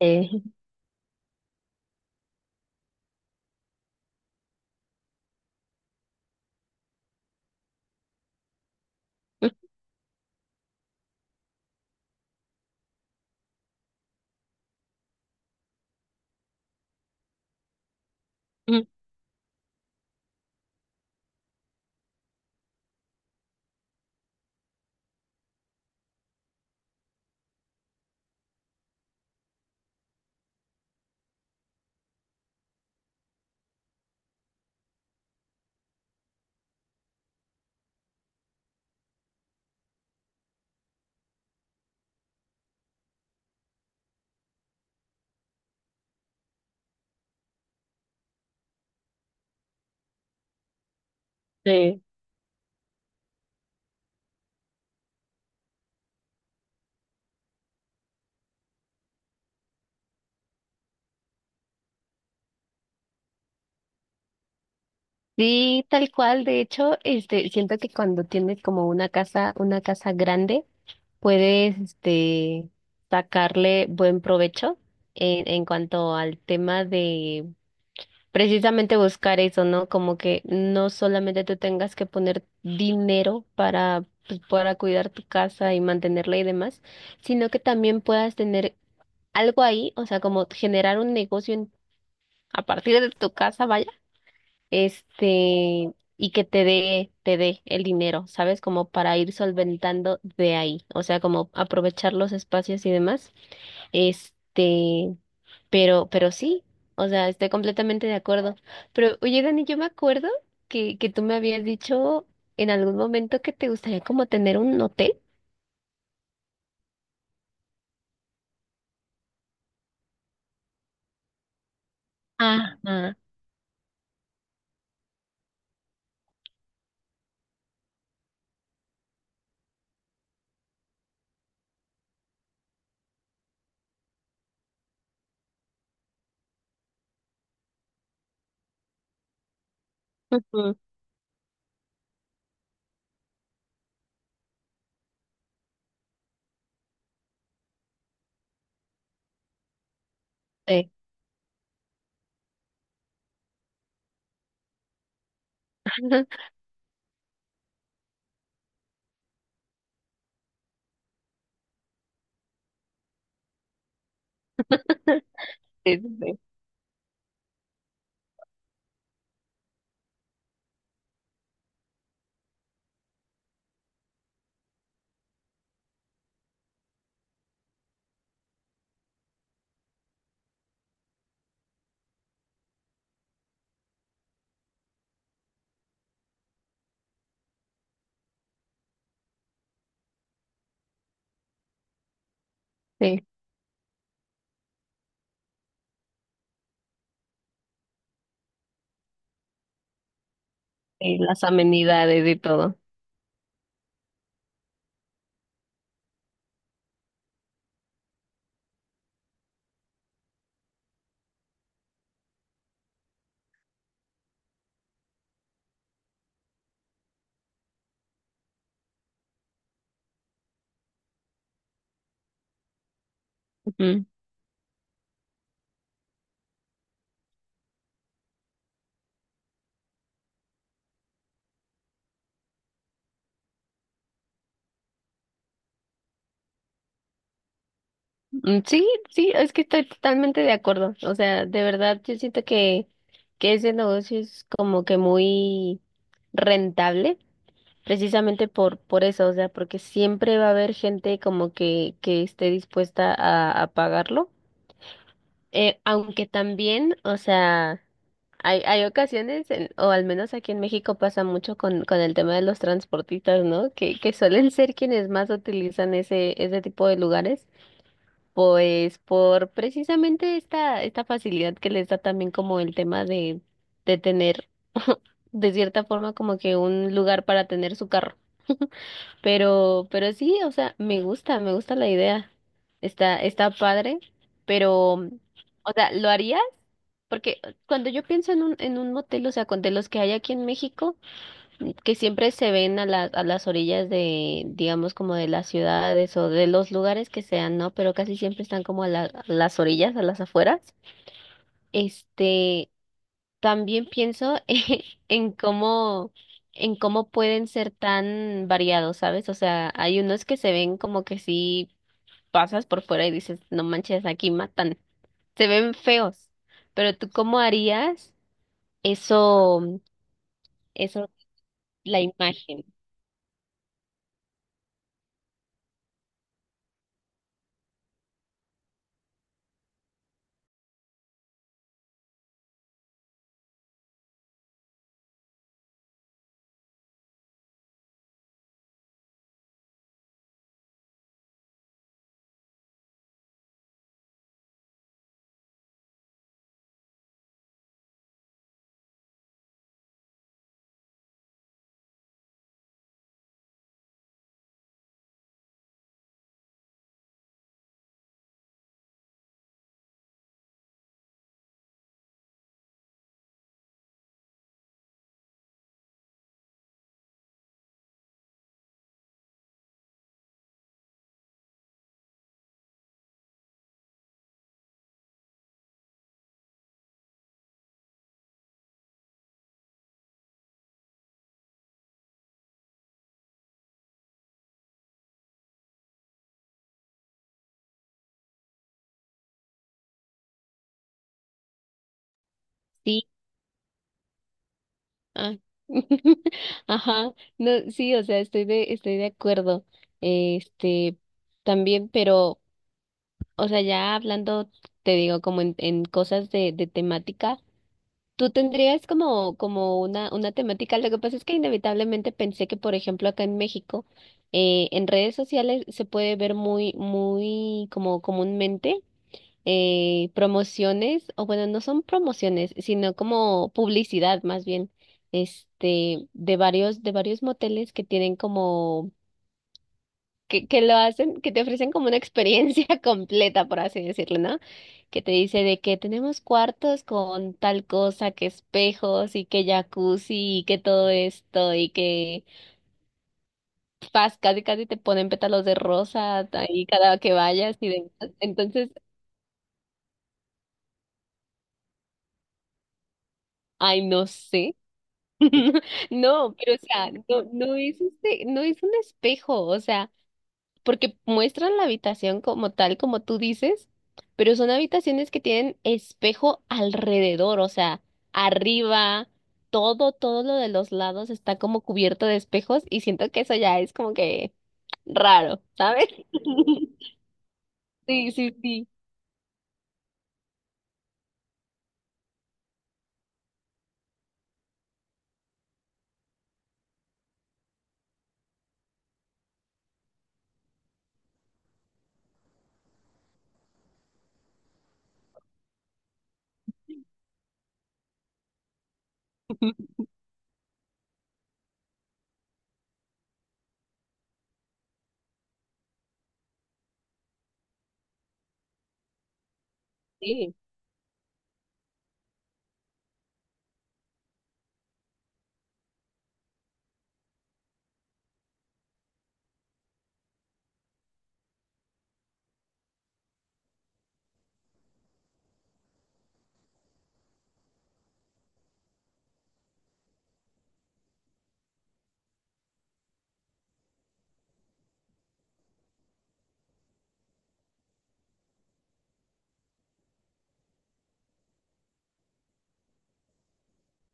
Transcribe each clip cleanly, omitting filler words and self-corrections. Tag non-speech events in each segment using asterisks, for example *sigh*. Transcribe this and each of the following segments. Eh, *laughs* sí. Sí, tal cual. De hecho, siento que cuando tienes como una casa grande, puedes, sacarle buen provecho en cuanto al tema de precisamente buscar eso, ¿no? Como que no solamente tú tengas que poner dinero para, pues, para cuidar tu casa y mantenerla y demás, sino que también puedas tener algo ahí, o sea, como generar un negocio a partir de tu casa, y que te dé el dinero, ¿sabes? Como para ir solventando de ahí, o sea, como aprovechar los espacios y demás. Este, pero sí, o sea, estoy completamente de acuerdo. Pero, oye, Dani, yo me acuerdo que tú me habías dicho en algún momento que te gustaría como tener un hotel. ah ah, Ujú. Sí. *laughs* Sí, sí, sí, sí, las amenidades y todo. Mm, sí, sí, es que estoy totalmente de acuerdo. O sea, de verdad, yo siento que ese negocio es como que muy rentable, precisamente por eso, o sea, porque siempre va a haber gente como que esté dispuesta a pagarlo. Aunque también, o sea, hay ocasiones, o al menos aquí en México pasa mucho con el tema de los transportistas, ¿no? Que suelen ser quienes más utilizan ese tipo de lugares pues por precisamente esta facilidad que les da también como el tema de tener de cierta forma como que un lugar para tener su carro. Pero sí, o sea, me gusta la idea. Está padre, pero, o sea, ¿lo harías? Porque cuando yo pienso en un motel, o sea, con de los que hay aquí en México, que siempre se ven a a las orillas de, digamos, como de las ciudades o de los lugares que sean, ¿no? Pero casi siempre están como a las orillas, a las afueras. Este, También pienso *laughs* en cómo, en cómo pueden ser tan variados, ¿sabes? O sea, hay unos que se ven como que si pasas por fuera y dices, no manches, aquí matan. Se ven feos. Pero tú, ¿cómo harías eso, eso, la imagen? Sí. Ah, *laughs* ajá, no, sí, o sea, estoy de acuerdo. Este, También, pero, o sea, ya hablando, te digo, como en cosas de temática, tú tendrías como, como una temática. Lo que pasa es que inevitablemente pensé que, por ejemplo, acá en México, en redes sociales se puede ver muy como comúnmente promociones, o bueno, no son promociones, sino como publicidad más bien, de varios moteles que tienen como, que lo hacen, que te ofrecen como una experiencia *laughs* completa, por así decirlo, ¿no? Que te dice de que tenemos cuartos con tal cosa, que espejos y que jacuzzi y que todo esto y que pas, casi casi te ponen pétalos de rosa ahí cada que vayas y demás. Entonces, ay, no sé. *laughs* No, pero o sea, no es no es un espejo, o sea, porque muestran la habitación como tal, como tú dices, pero son habitaciones que tienen espejo alrededor, o sea, arriba, todo lo de los lados está como cubierto de espejos y siento que eso ya es como que raro, ¿sabes? *laughs* Sí, sí, sí. *laughs* Sí.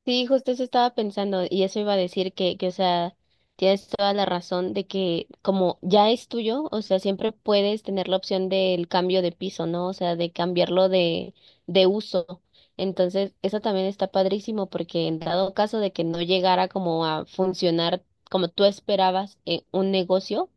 Sí, justo eso estaba pensando y eso iba a decir o sea, tienes toda la razón de que como ya es tuyo, o sea, siempre puedes tener la opción del cambio de piso, ¿no? O sea, de cambiarlo de uso. Entonces, eso también está padrísimo porque en dado caso de que no llegara como a funcionar como tú esperabas en un negocio,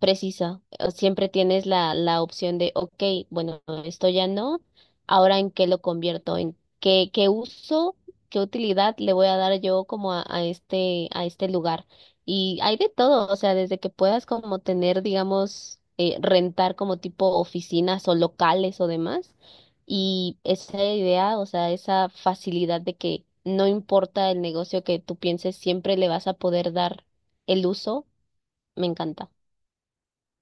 precisa. O siempre tienes la opción de, ok, bueno, esto ya no, ahora en qué lo convierto, en qué, qué uso, qué utilidad le voy a dar yo como a este lugar. Y hay de todo, o sea, desde que puedas como tener, digamos, rentar como tipo oficinas o locales o demás. Y esa idea, o sea, esa facilidad de que no importa el negocio que tú pienses, siempre le vas a poder dar el uso, me encanta.